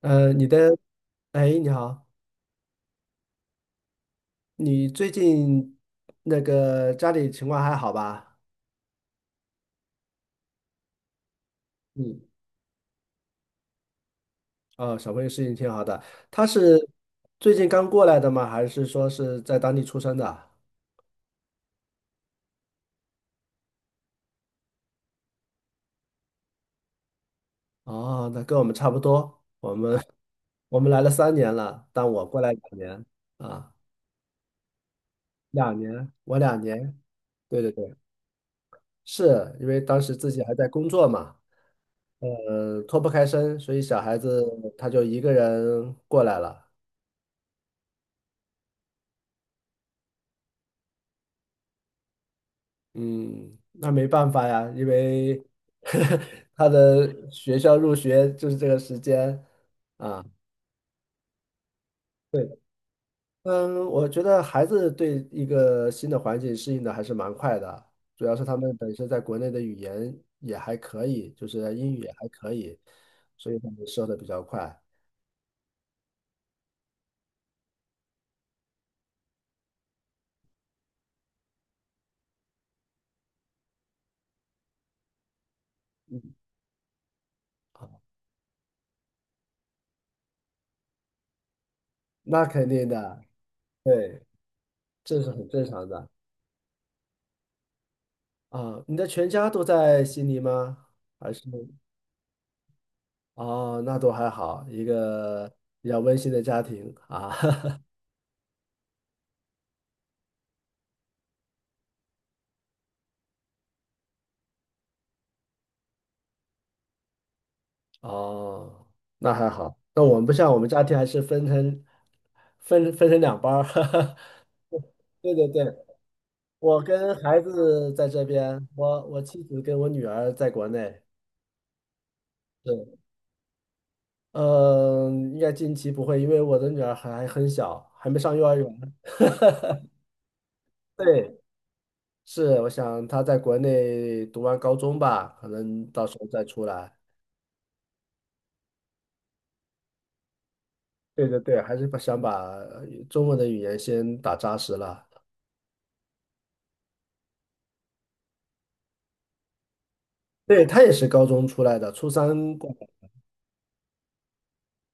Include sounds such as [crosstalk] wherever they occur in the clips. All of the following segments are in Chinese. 你的，哎，你好，你最近那个家里情况还好吧？嗯，哦，小朋友适应挺好的。他是最近刚过来的吗？还是说是在当地出生的？哦，那跟我们差不多。[laughs] 我们来了3年了，但我过来两年啊，两年，我两年。对对对，是因为当时自己还在工作嘛，脱不开身，所以小孩子他就一个人过来了。嗯，那没办法呀，因为 [laughs] 他的学校入学就是这个时间啊。对，嗯，我觉得孩子对一个新的环境适应的还是蛮快的，主要是他们本身在国内的语言也还可以，就是英语也还可以，所以他们说的比较快。那肯定的，对，这是很正常的啊。你的全家都在悉尼吗？还是？哦，那都还好，一个比较温馨的家庭啊。[laughs] 哦，那还好。那我们不像我们家庭还是分成两班儿。[laughs] 对对对，我跟孩子在这边，我妻子跟我女儿在国内。对，嗯，应该近期不会，因为我的女儿还很小，还没上幼儿园。对，是，我想她在国内读完高中吧，可能到时候再出来。对对对，还是把想把中文的语言先打扎实了。对，他也是高中出来的，初三过来。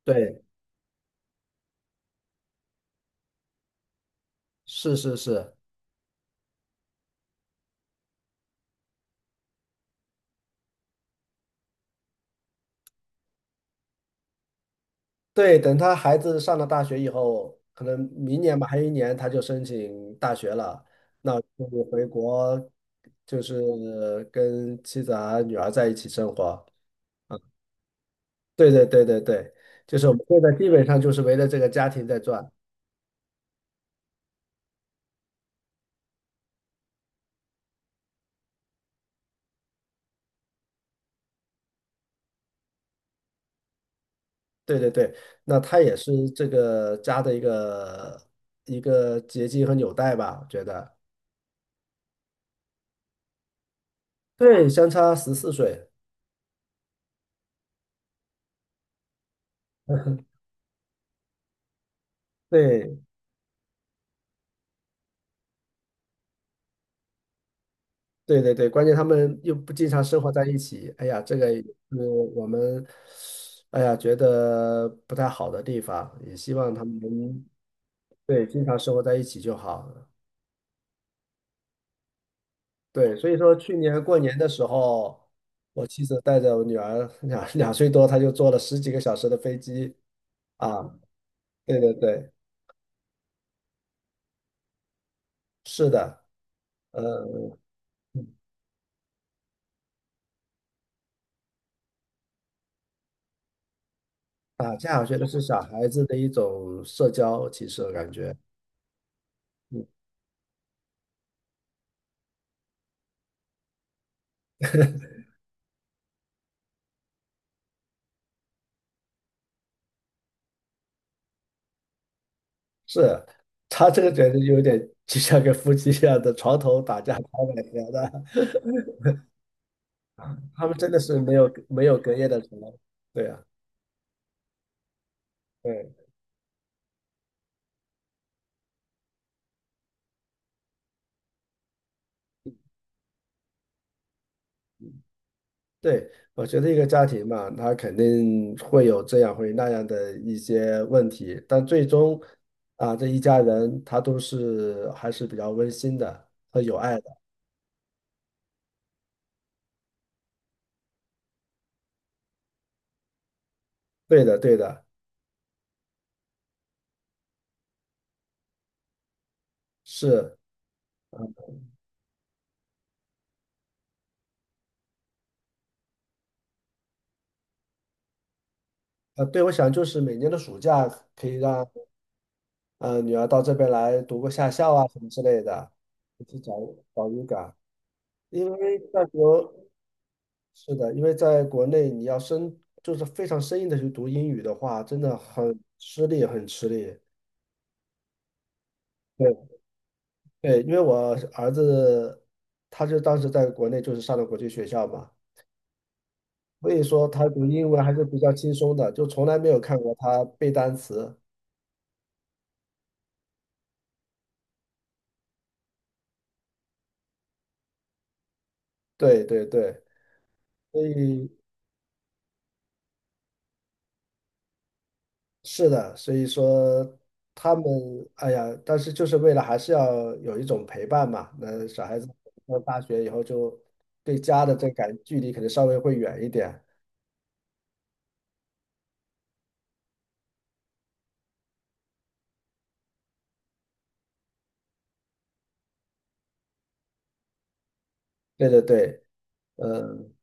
对，是是是，对。等他孩子上了大学以后，可能明年吧，还有1年他就申请大学了。那我就回国，就是跟妻子啊、女儿在一起生活。啊。对对对对对，就是我们现在基本上就是围着这个家庭在转。对对对，那他也是这个家的一个结晶和纽带吧，我觉得。对，相差14岁。对对对对，关键他们又不经常生活在一起。哎呀，这个也是我们，哎呀，觉得不太好的地方，也希望他们能对经常生活在一起就好。对，所以说去年过年的时候，我妻子带着我女儿两岁多，她就坐了十几个小时的飞机啊。对对对。是的，呃，打架我觉得是小孩子的一种社交，其实我感觉，嗯，是，他这个觉得有点就像跟夫妻一样的床头打架吵百合的，他们真的是没有隔夜的仇，对啊，对对，我觉得一个家庭嘛，他肯定会有这样会那样的一些问题，但最终啊，这一家人他都是还是比较温馨的和有爱的，对的对的，是。对，我想就是每年的暑假可以让女儿到这边来读个夏校啊什么之类的，去找找语感。因为在国，是的，因为在国内你要就是非常生硬的去读英语的话，真的很吃力，很吃力。对对，因为我儿子他就当时在国内就是上的国际学校嘛，所以说他读英文还是比较轻松的，就从来没有看过他背单词。对对对，所以是的，所以说他们，哎呀，但是就是为了还是要有一种陪伴嘛。那小孩子上大学以后就对家的这感距离可能稍微会远一点。对对对，嗯，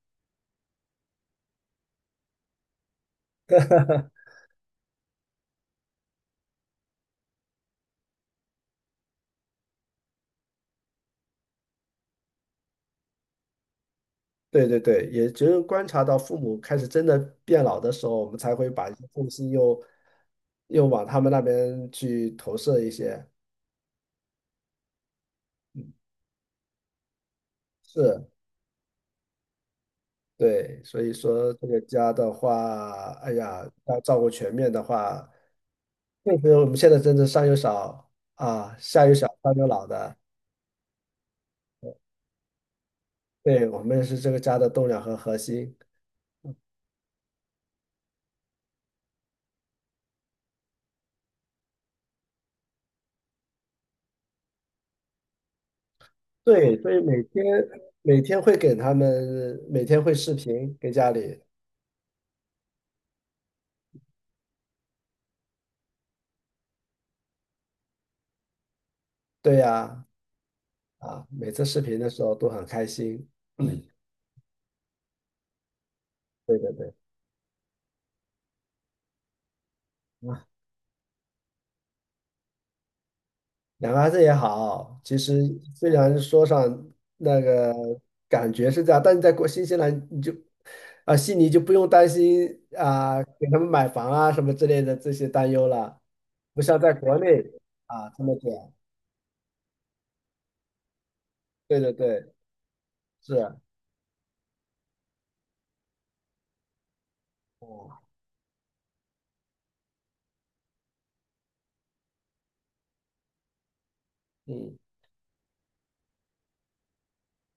对对对，也只有观察到父母开始真的变老的时候，我们才会把一些重心又往他们那边去投射一些。是，对，所以说这个家的话，哎呀，要照顾全面的话。确实，我们现在真的上有老啊，下有小，上有老的。对，我们是这个家的栋梁和核心。对，所以每天每天会给他们，每天会视频给家里。对呀，啊，每次视频的时候都很开心。[clears throat] 对对对，两个孩子也好，其实虽然说上那个感觉是这样，但是在国新西兰你就悉尼就不用担心啊给他们买房啊什么之类的这些担忧了，不像在国内啊这么卷。对对对，是，哦，嗯，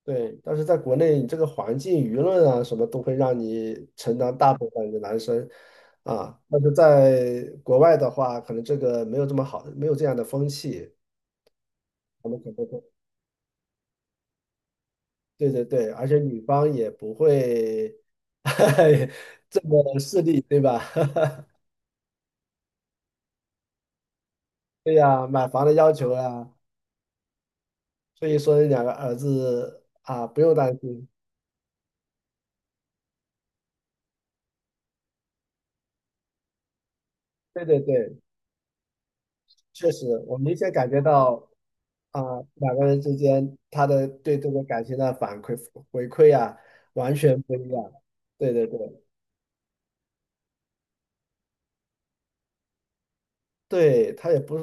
对。但是在国内，你这个环境、舆论啊什么都会让你承担大部分的男生啊，但是在国外的话，可能这个没有这么好，没有这样的风气。他们可能对对对，而且女方也不会 [laughs] 这么细，对吧？[laughs] 对呀，买房的要求呀，所以说两个儿子啊，不用担心。对对对，确实，我明显感觉到啊，两个人之间他的对这个感情的反馈回馈啊，完全不一样。对对对，对，他也不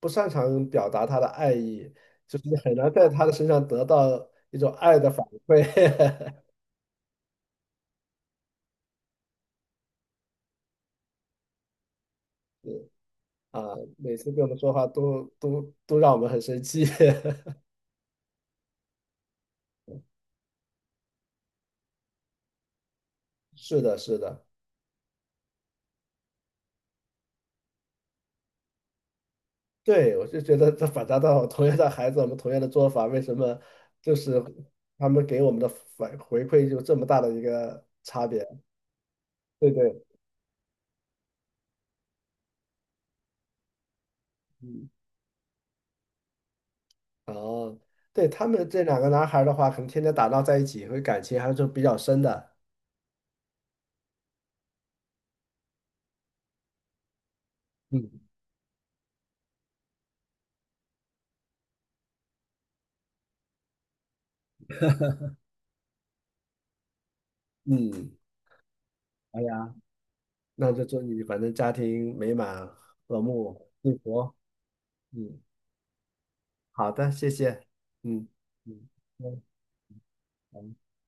不擅长表达他的爱意，就是很难在他的身上得到一种爱的反馈。[laughs] 啊，每次跟我们说话都让我们很生气。[laughs] 是的，是的，对，我就觉得这反差到我同样的孩子，我们同样的做法，为什么就是他们给我们的反回馈就这么大的一个差别？对对，嗯，哦，对，他们这两个男孩儿的话，可能天天打闹在一起，会感情还是比较深的。嗯嗯，好呀，那就祝你反正家庭美满、和睦、幸福。嗯，好的，谢谢。嗯嗯嗯。嗯